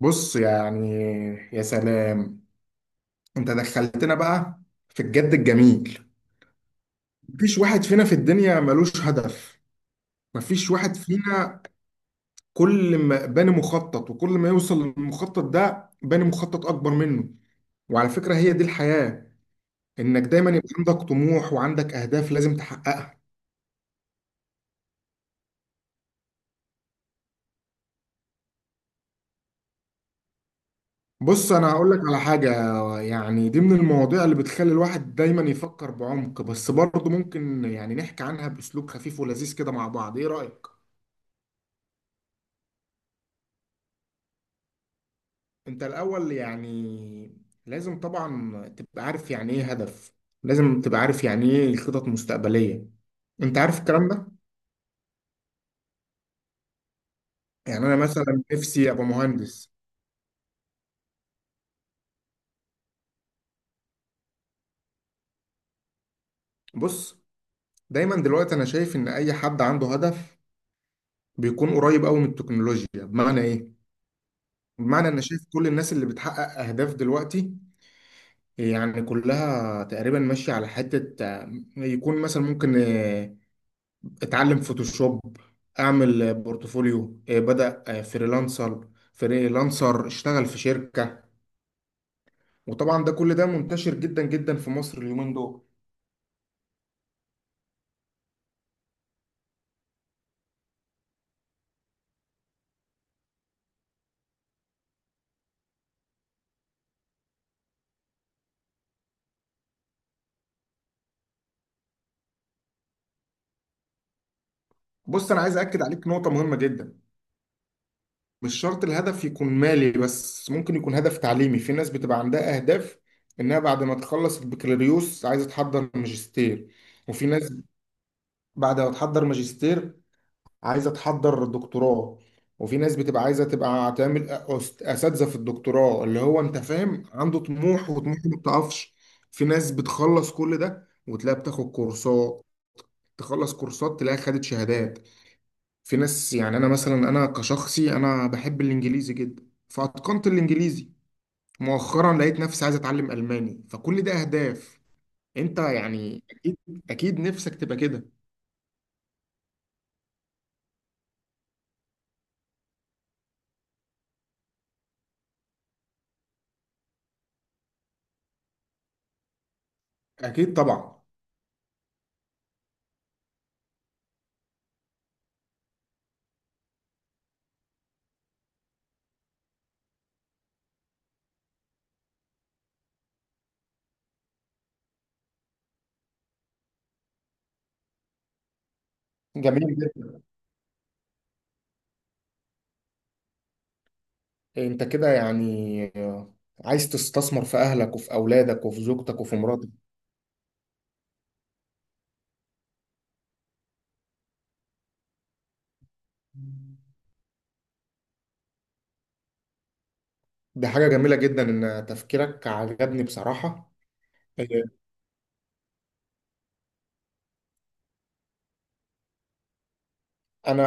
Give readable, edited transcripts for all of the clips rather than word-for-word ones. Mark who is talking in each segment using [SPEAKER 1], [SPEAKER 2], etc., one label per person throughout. [SPEAKER 1] بص يعني، يا سلام، انت دخلتنا بقى في الجد الجميل. مفيش واحد فينا في الدنيا ملوش هدف، مفيش واحد فينا. كل ما باني مخطط وكل ما يوصل للمخطط ده باني مخطط اكبر منه. وعلى فكرة هي دي الحياة، انك دايما يبقى عندك طموح وعندك اهداف لازم تحققها. بص انا هقول لك على حاجة. يعني دي من المواضيع اللي بتخلي الواحد دايما يفكر بعمق، بس برضه ممكن يعني نحكي عنها باسلوب خفيف ولذيذ كده مع بعض، ايه رأيك؟ انت الاول يعني لازم طبعا تبقى عارف يعني ايه هدف، لازم تبقى عارف يعني ايه الخطط المستقبليه. انت عارف الكلام ده. يعني انا مثلا نفسي ابقى مهندس. بص، دايما دلوقتي انا شايف ان اي حد عنده هدف بيكون قريب قوي من التكنولوجيا. بمعنى ايه؟ بمعنى انا شايف كل الناس اللي بتحقق اهداف دلوقتي يعني كلها تقريبا ماشيه على حته، يكون مثلا ممكن اتعلم فوتوشوب، اعمل بورتفوليو، بدأ فريلانسر. فريلانسر اشتغل في شركة. وطبعا ده كل ده منتشر جدا جدا في مصر اليومين دول. بص انا عايز اكد عليك نقطة مهمة جدا. مش شرط الهدف يكون مالي بس، ممكن يكون هدف تعليمي. في ناس بتبقى عندها اهداف انها بعد ما تخلص البكالوريوس عايزة تحضر ماجستير، وفي ناس بعد ما تحضر ماجستير عايزه تحضر دكتوراه، وفي ناس بتبقى عايزه تبقى تعمل اساتذه في الدكتوراه، اللي هو انت فاهم عنده طموح وطموحه ما بتقفش. في ناس بتخلص كل ده وتلاقيها بتاخد كورسات، تخلص كورسات تلاقيها خدت شهادات. في ناس يعني انا مثلا، انا كشخصي انا بحب الانجليزي جدا فاتقنت الانجليزي. مؤخرا لقيت نفسي عايز اتعلم الماني، فكل ده اهداف. انت يعني اكيد، اكيد نفسك تبقى كده. اكيد طبعا. جميل جدا. انت كده يعني عايز تستثمر في اهلك وفي اولادك وفي زوجتك وفي مراتك. دي حاجة جميلة جدا، ان تفكيرك عجبني بصراحة. إيه، انا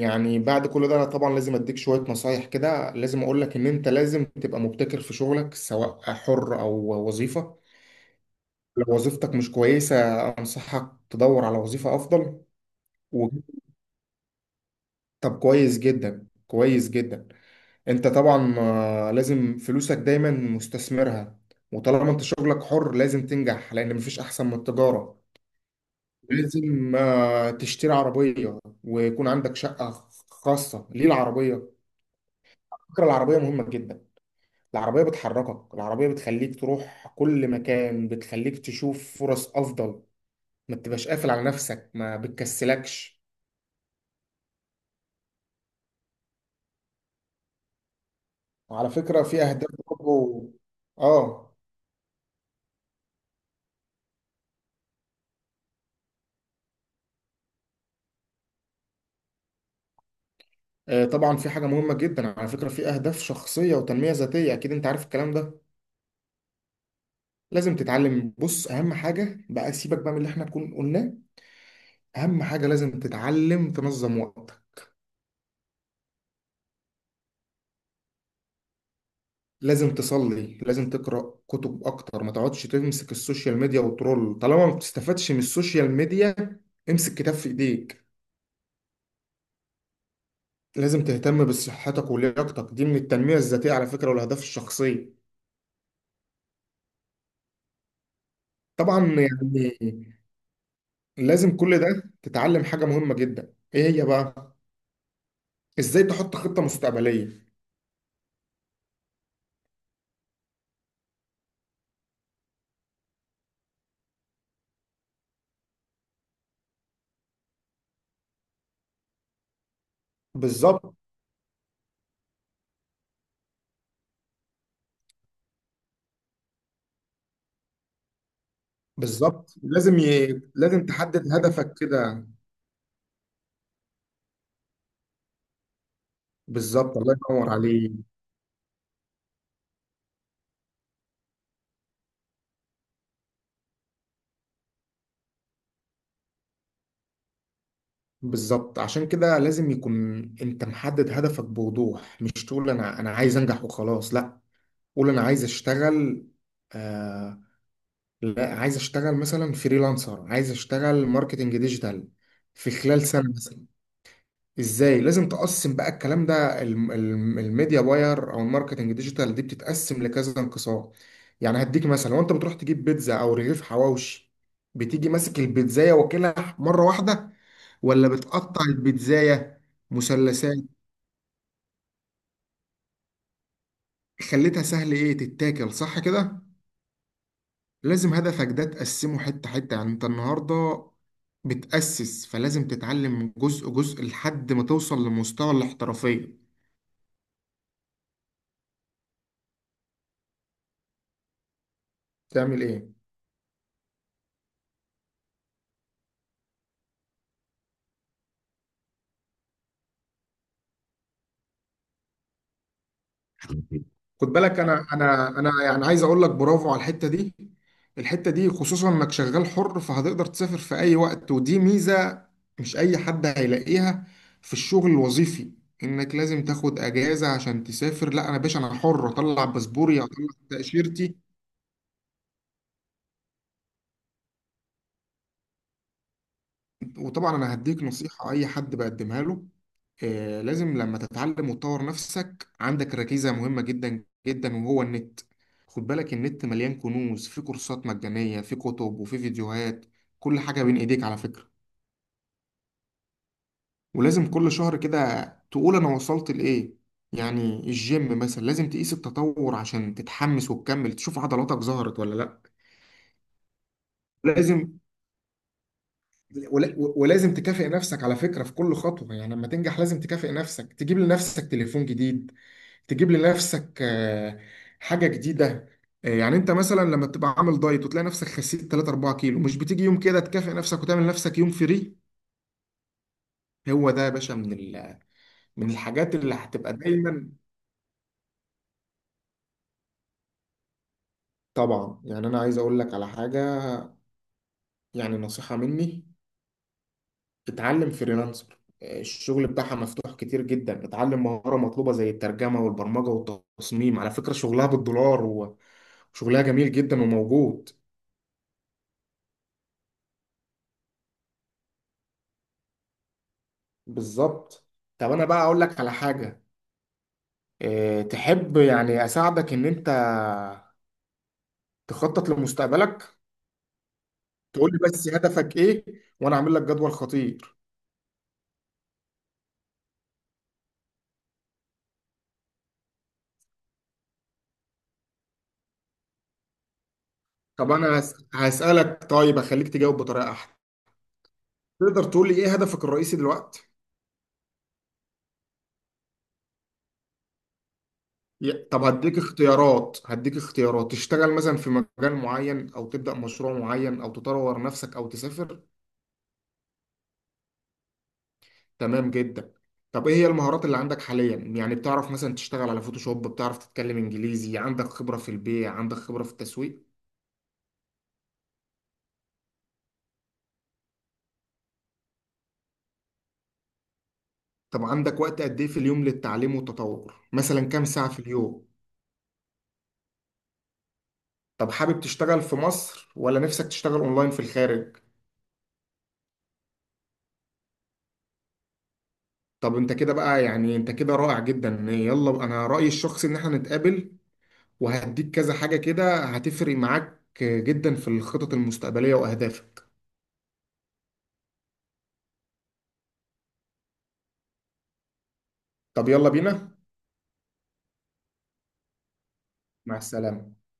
[SPEAKER 1] يعني بعد كل ده انا طبعا لازم اديك شوية نصايح كده. لازم اقول لك ان انت لازم تبقى مبتكر في شغلك سواء حر او وظيفة. لو وظيفتك مش كويسة انصحك تدور على وظيفة افضل و... طب كويس جدا، كويس جدا. انت طبعا لازم فلوسك دايما مستثمرها. وطالما انت شغلك حر لازم تنجح، لان مفيش احسن من التجارة. لازم تشتري عربية ويكون عندك شقة خاصة. ليه العربية؟ فكرة العربية مهمة جدا. العربية بتحركك، العربية بتخليك تروح كل مكان، بتخليك تشوف فرص افضل. ما تبقاش قافل على نفسك، ما بتكسلكش. وعلى فكرة في اهداف برضه. اه. طبعا في حاجة مهمة جدا على فكرة، في أهداف شخصية وتنمية ذاتية، أكيد أنت عارف الكلام ده. لازم تتعلم، بص أهم حاجة بقى، سيبك بقى من اللي إحنا كنا قلناه، أهم حاجة لازم تتعلم تنظم وقتك. لازم تصلي، لازم تقرأ كتب أكتر، ما تقعدش تمسك السوشيال ميديا وترول طالما ما بتستفادش من السوشيال ميديا. امسك كتاب في إيديك. لازم تهتم بصحتك ولياقتك، دي من التنمية الذاتية على فكرة والأهداف الشخصية. طبعا يعني لازم كل ده. تتعلم حاجة مهمة جدا، إيه هي بقى؟ ازاي تحط خطة مستقبلية. بالظبط. بالظبط لازم ي... لازم تحدد هدفك كده. بالظبط، الله ينور عليك. بالظبط، عشان كده لازم يكون انت محدد هدفك بوضوح، مش تقول انا عايز انجح وخلاص، لا. قول انا عايز اشتغل آه... لا عايز اشتغل مثلا فريلانسر، عايز اشتغل ماركتنج ديجيتال في خلال سنة مثلا. ازاي لازم تقسم بقى الكلام ده؟ الميديا باير او الماركتنج ديجيتال دي بتتقسم لكذا انقسام. يعني هديك مثلا، لو انت بتروح تجيب بيتزا او رغيف حواوشي، بتيجي ماسك البيتزاية واكلها مرة واحدة، ولا بتقطع البيتزاية مثلثات؟ خليتها سهل ايه تتاكل، صح كده؟ لازم هدفك ده تقسمه حتة حتة. يعني انت النهاردة بتأسس، فلازم تتعلم جزء جزء لحد ما توصل لمستوى الاحترافية. تعمل ايه؟ خد بالك انا يعني عايز اقول لك برافو على الحته دي. الحته دي خصوصا انك شغال حر، فهتقدر تسافر في اي وقت، ودي ميزه مش اي حد هيلاقيها في الشغل الوظيفي. انك لازم تاخد اجازه عشان تسافر، لا انا باشا انا حر، اطلع باسبوري اطلع تاشيرتي. وطبعا انا هديك نصيحة اي حد بقدمها له. لازم لما تتعلم وتطور نفسك عندك ركيزة مهمة جدا جدا، وهو النت. خد بالك النت مليان كنوز، في كورسات مجانية، في كتب وفي فيديوهات، كل حاجة بين ايديك على فكرة. ولازم كل شهر كده تقول انا وصلت لايه. يعني الجيم مثلا لازم تقيس التطور عشان تتحمس وتكمل، تشوف عضلاتك ظهرت ولا لا. لازم، ولازم تكافئ نفسك على فكرة في كل خطوة. يعني لما تنجح لازم تكافئ نفسك، تجيب لنفسك تليفون جديد، تجيب لنفسك حاجة جديدة. يعني انت مثلا لما تبقى عامل دايت وتلاقي نفسك خسيت 3 4 كيلو، مش بتيجي يوم كده تكافئ نفسك وتعمل نفسك يوم فري؟ هو ده يا باشا من من الحاجات اللي هتبقى دايما. طبعا يعني انا عايز اقول لك على حاجة، يعني نصيحة مني. اتعلم فريلانسر، الشغل بتاعها مفتوح كتير جدا. اتعلم مهارة مطلوبة زي الترجمة والبرمجة والتصميم، على فكرة شغلها بالدولار وشغلها جميل جدا وموجود. بالظبط. طب انا بقى اقول لك على حاجة. اه، تحب يعني اساعدك ان انت تخطط لمستقبلك؟ تقول لي بس هدفك ايه وانا اعمل لك جدول خطير. طب انا هسألك، طيب اخليك تجاوب بطريقة احسن. تقدر تقول لي ايه هدفك الرئيسي دلوقتي؟ طب هديك اختيارات، هديك اختيارات، تشتغل مثلا في مجال معين، او تبدأ مشروع معين، او تطور نفسك، او تسافر. تمام جدا. طب ايه هي المهارات اللي عندك حاليا؟ يعني بتعرف مثلا تشتغل على فوتوشوب، بتعرف تتكلم انجليزي، عندك خبرة في البيع، عندك خبرة في التسويق. طب عندك وقت قد ايه في اليوم للتعليم والتطور، مثلا كام ساعة في اليوم؟ طب حابب تشتغل في مصر ولا نفسك تشتغل اونلاين في الخارج؟ طب انت كده بقى، يعني انت كده رائع جدا. يلا انا رأيي الشخصي ان احنا نتقابل، وهديك كذا حاجة كده هتفرق معاك جدا في الخطط المستقبلية وأهدافك. طب يلا بينا. مع السلامة.